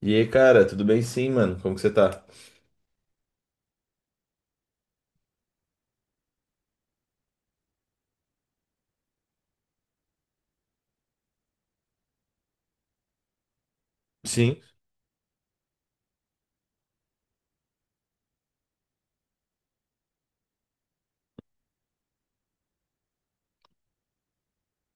E aí, cara, tudo bem sim, mano? Como que você tá? Sim,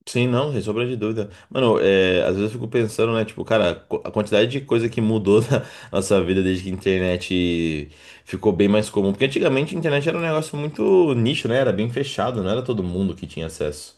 sim, não, sem sombra de dúvida. Mano, às vezes eu fico pensando, né, tipo, cara, a quantidade de coisa que mudou na nossa vida desde que a internet ficou bem mais comum. Porque antigamente a internet era um negócio muito nicho, né? Era bem fechado, não era todo mundo que tinha acesso.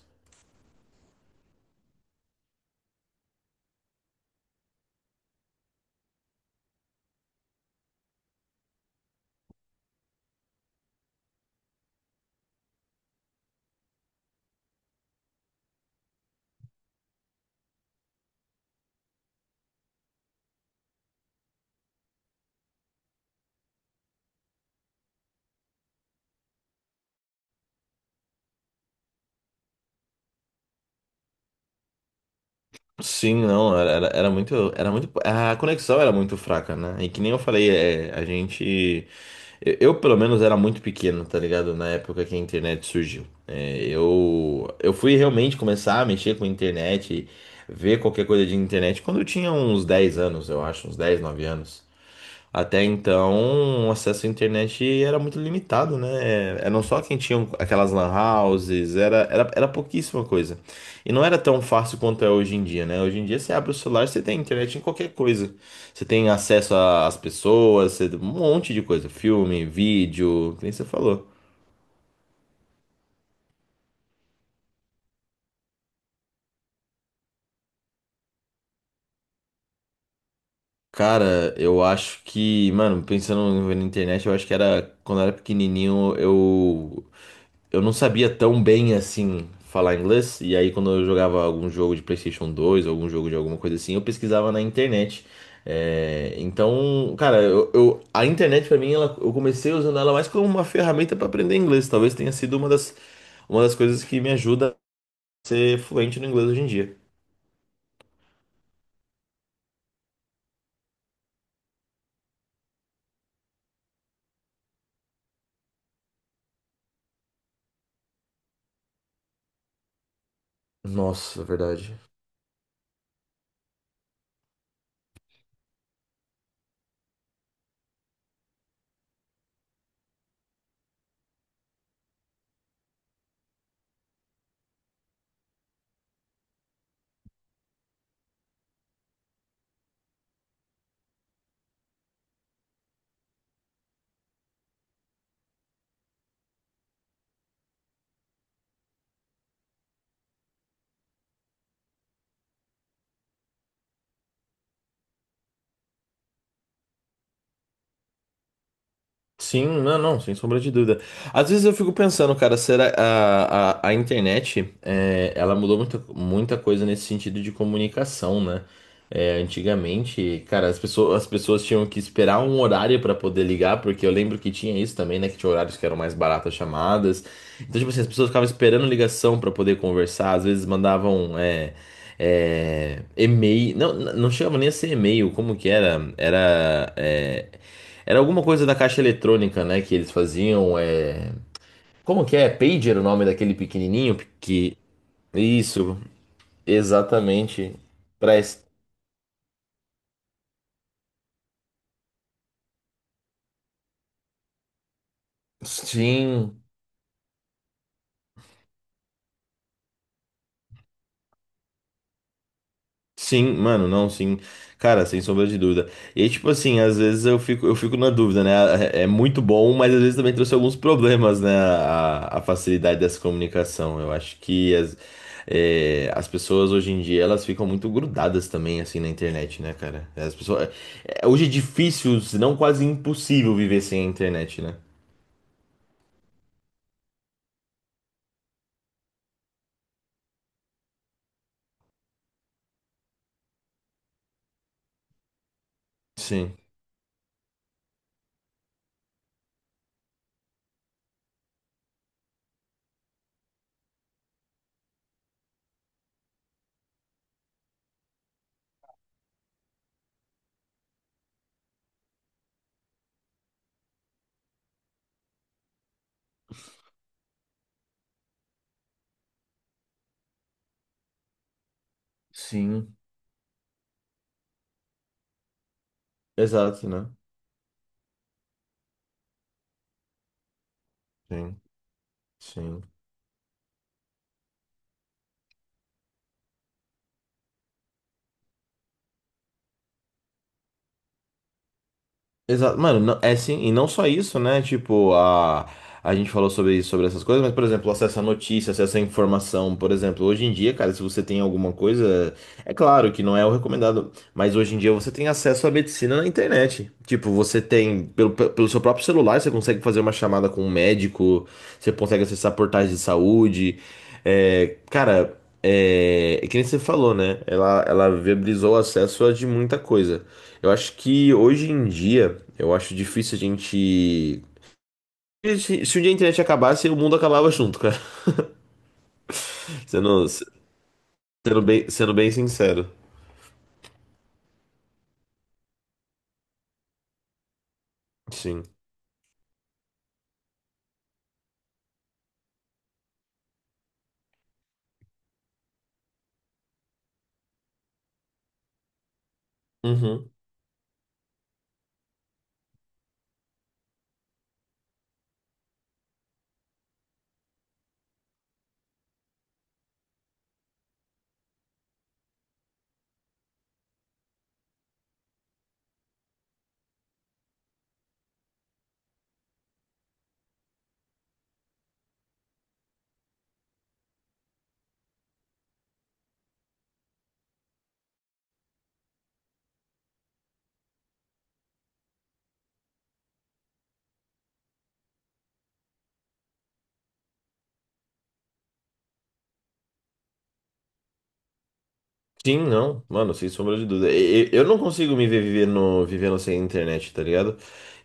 Sim, não, era muito, era muito, a conexão era muito fraca, né? E que nem eu falei, a gente. Pelo menos, era muito pequeno, tá ligado? Na época que a internet surgiu. Eu fui realmente começar a mexer com a internet, ver qualquer coisa de internet, quando eu tinha uns 10 anos, eu acho, uns 10 9 anos. Até então, o acesso à internet era muito limitado, né? Era não só quem tinha um, aquelas lan houses, era pouquíssima coisa. E não era tão fácil quanto é hoje em dia, né? Hoje em dia você abre o celular, você tem internet em qualquer coisa. Você tem acesso a- às pessoas, você- um monte de coisa, filme, vídeo, que nem você falou. Cara, eu acho que, mano, pensando na internet, eu acho que era quando eu era pequenininho, eu não sabia tão bem assim falar inglês, e aí quando eu jogava algum jogo de PlayStation 2, algum jogo de alguma coisa assim, eu pesquisava na internet. É, então, cara, a internet pra mim, eu comecei usando ela mais como uma ferramenta pra aprender inglês. Talvez tenha sido uma das coisas que me ajuda a ser fluente no inglês hoje em dia. Nossa, é verdade. Sim, não, não, sem sombra de dúvida. Às vezes eu fico pensando, cara, será a internet, é, ela mudou muita coisa nesse sentido de comunicação, né? É, antigamente, cara, as pessoas tinham que esperar um horário pra poder ligar, porque eu lembro que tinha isso também, né? Que tinha horários que eram mais baratas as chamadas. Então, tipo assim, as pessoas ficavam esperando ligação pra poder conversar, às vezes mandavam, e-mail, não, não chegava nem a ser e-mail, como que era? Era alguma coisa da caixa eletrônica, né? Que eles faziam. É... Como que é? Pager o nome daquele pequenininho? Que... Isso, exatamente. Pra... es- Sim. Sim, mano, não, sim. Cara, sem sombra de dúvida. E aí, tipo assim, às vezes eu fico na dúvida, né? É é muito bom, mas às vezes também trouxe alguns problemas, né? A facilidade dessa comunicação. Eu acho que as pessoas hoje em dia, elas ficam muito grudadas também, assim, na internet, né, cara? As pessoas, é, hoje é difícil, se não quase impossível viver sem a internet, né? Sim, sim. Exato, né? Sim, sim. Exato, mano, é sim, e não só isso, né? Tipo, a gente falou sobre isso, sobre essas coisas, mas, por exemplo, acesso à notícia, acesso à informação, por exemplo, hoje em dia, cara, se você tem alguma coisa, é claro que não é o recomendado, mas hoje em dia você tem acesso à medicina na internet. Tipo, você tem, pelo seu próprio celular, você consegue fazer uma chamada com um médico, você consegue acessar portais de saúde. É, cara, é que nem você falou, né? Ela viabilizou o acesso a de muita coisa. Eu acho que hoje em dia, eu acho difícil a gente. Se um dia a internet acabasse, o mundo acabava junto, cara. Sendo, Sendo sendo bem sincero. Sim. Uhum. Sim, não. Mano, sem sombra de dúvida. Eu não consigo me ver vivendo sem internet, tá ligado?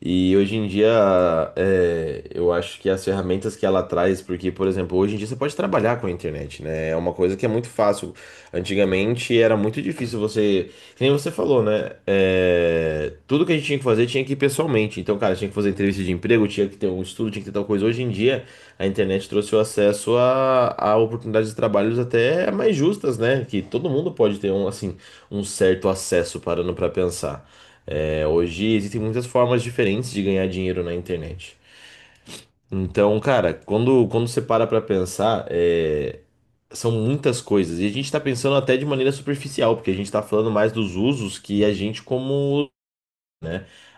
E hoje em dia, é, eu acho que as ferramentas que ela traz, porque, por exemplo, hoje em dia você pode trabalhar com a internet, né? É uma coisa que é muito fácil. Antigamente era muito difícil você. Que nem você falou, né? É, tudo que a gente tinha que fazer tinha que ir pessoalmente. Então, cara, tinha que fazer entrevista de emprego, tinha que ter um estudo, tinha que ter tal coisa. Hoje em dia, a internet trouxe o acesso a oportunidades de trabalhos até mais justas, né? Que todo mundo pode ter um, assim, um certo acesso parando pra pensar. É, hoje existem muitas formas diferentes de ganhar dinheiro na internet. Então, cara, quando você para pra pensar, é, são muitas coisas. E a gente tá pensando até de maneira superficial, porque a gente tá falando mais dos usos que a gente como...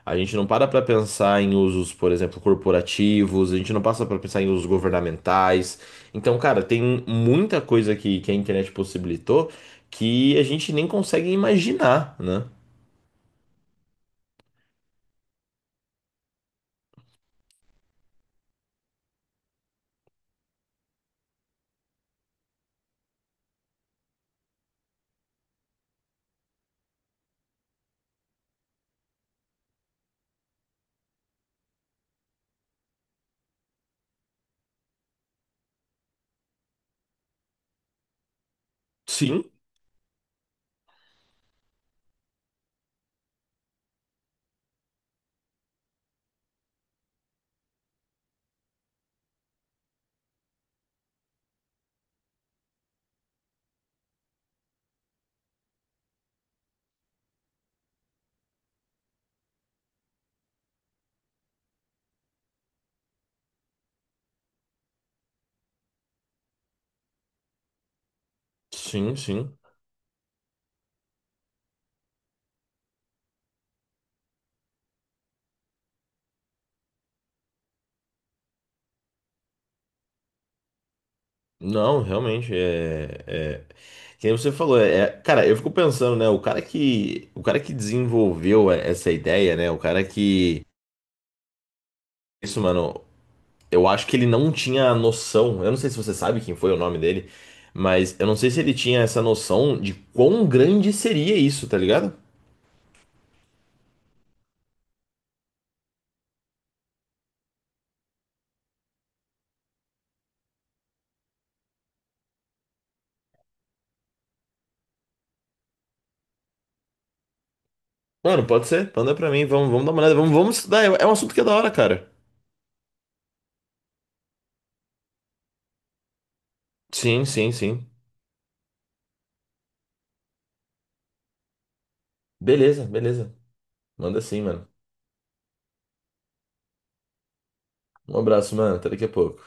A gente não para pra pensar em usos, por exemplo, corporativos, a gente não passa pra pensar em usos governamentais. Então, cara, tem muita coisa que a internet possibilitou que a gente nem consegue imaginar, né? Sim. Sim, sim. Não, realmente, é, é... Que nem você falou, cara, eu fico pensando, né, o cara que desenvolveu é, essa ideia, né, isso, mano, eu acho que ele não tinha noção, eu não sei se você sabe quem foi o nome dele, mas eu não sei se ele tinha essa noção de quão grande seria isso, tá ligado? Mano, pode ser, manda pra mim, vamos, vamos dar uma olhada, vamos, vamos estudar, é é um assunto que é da hora, cara. Sim, sim, sim. Beleza, beleza, manda sim, mano. Um abraço, mano, até daqui a pouco.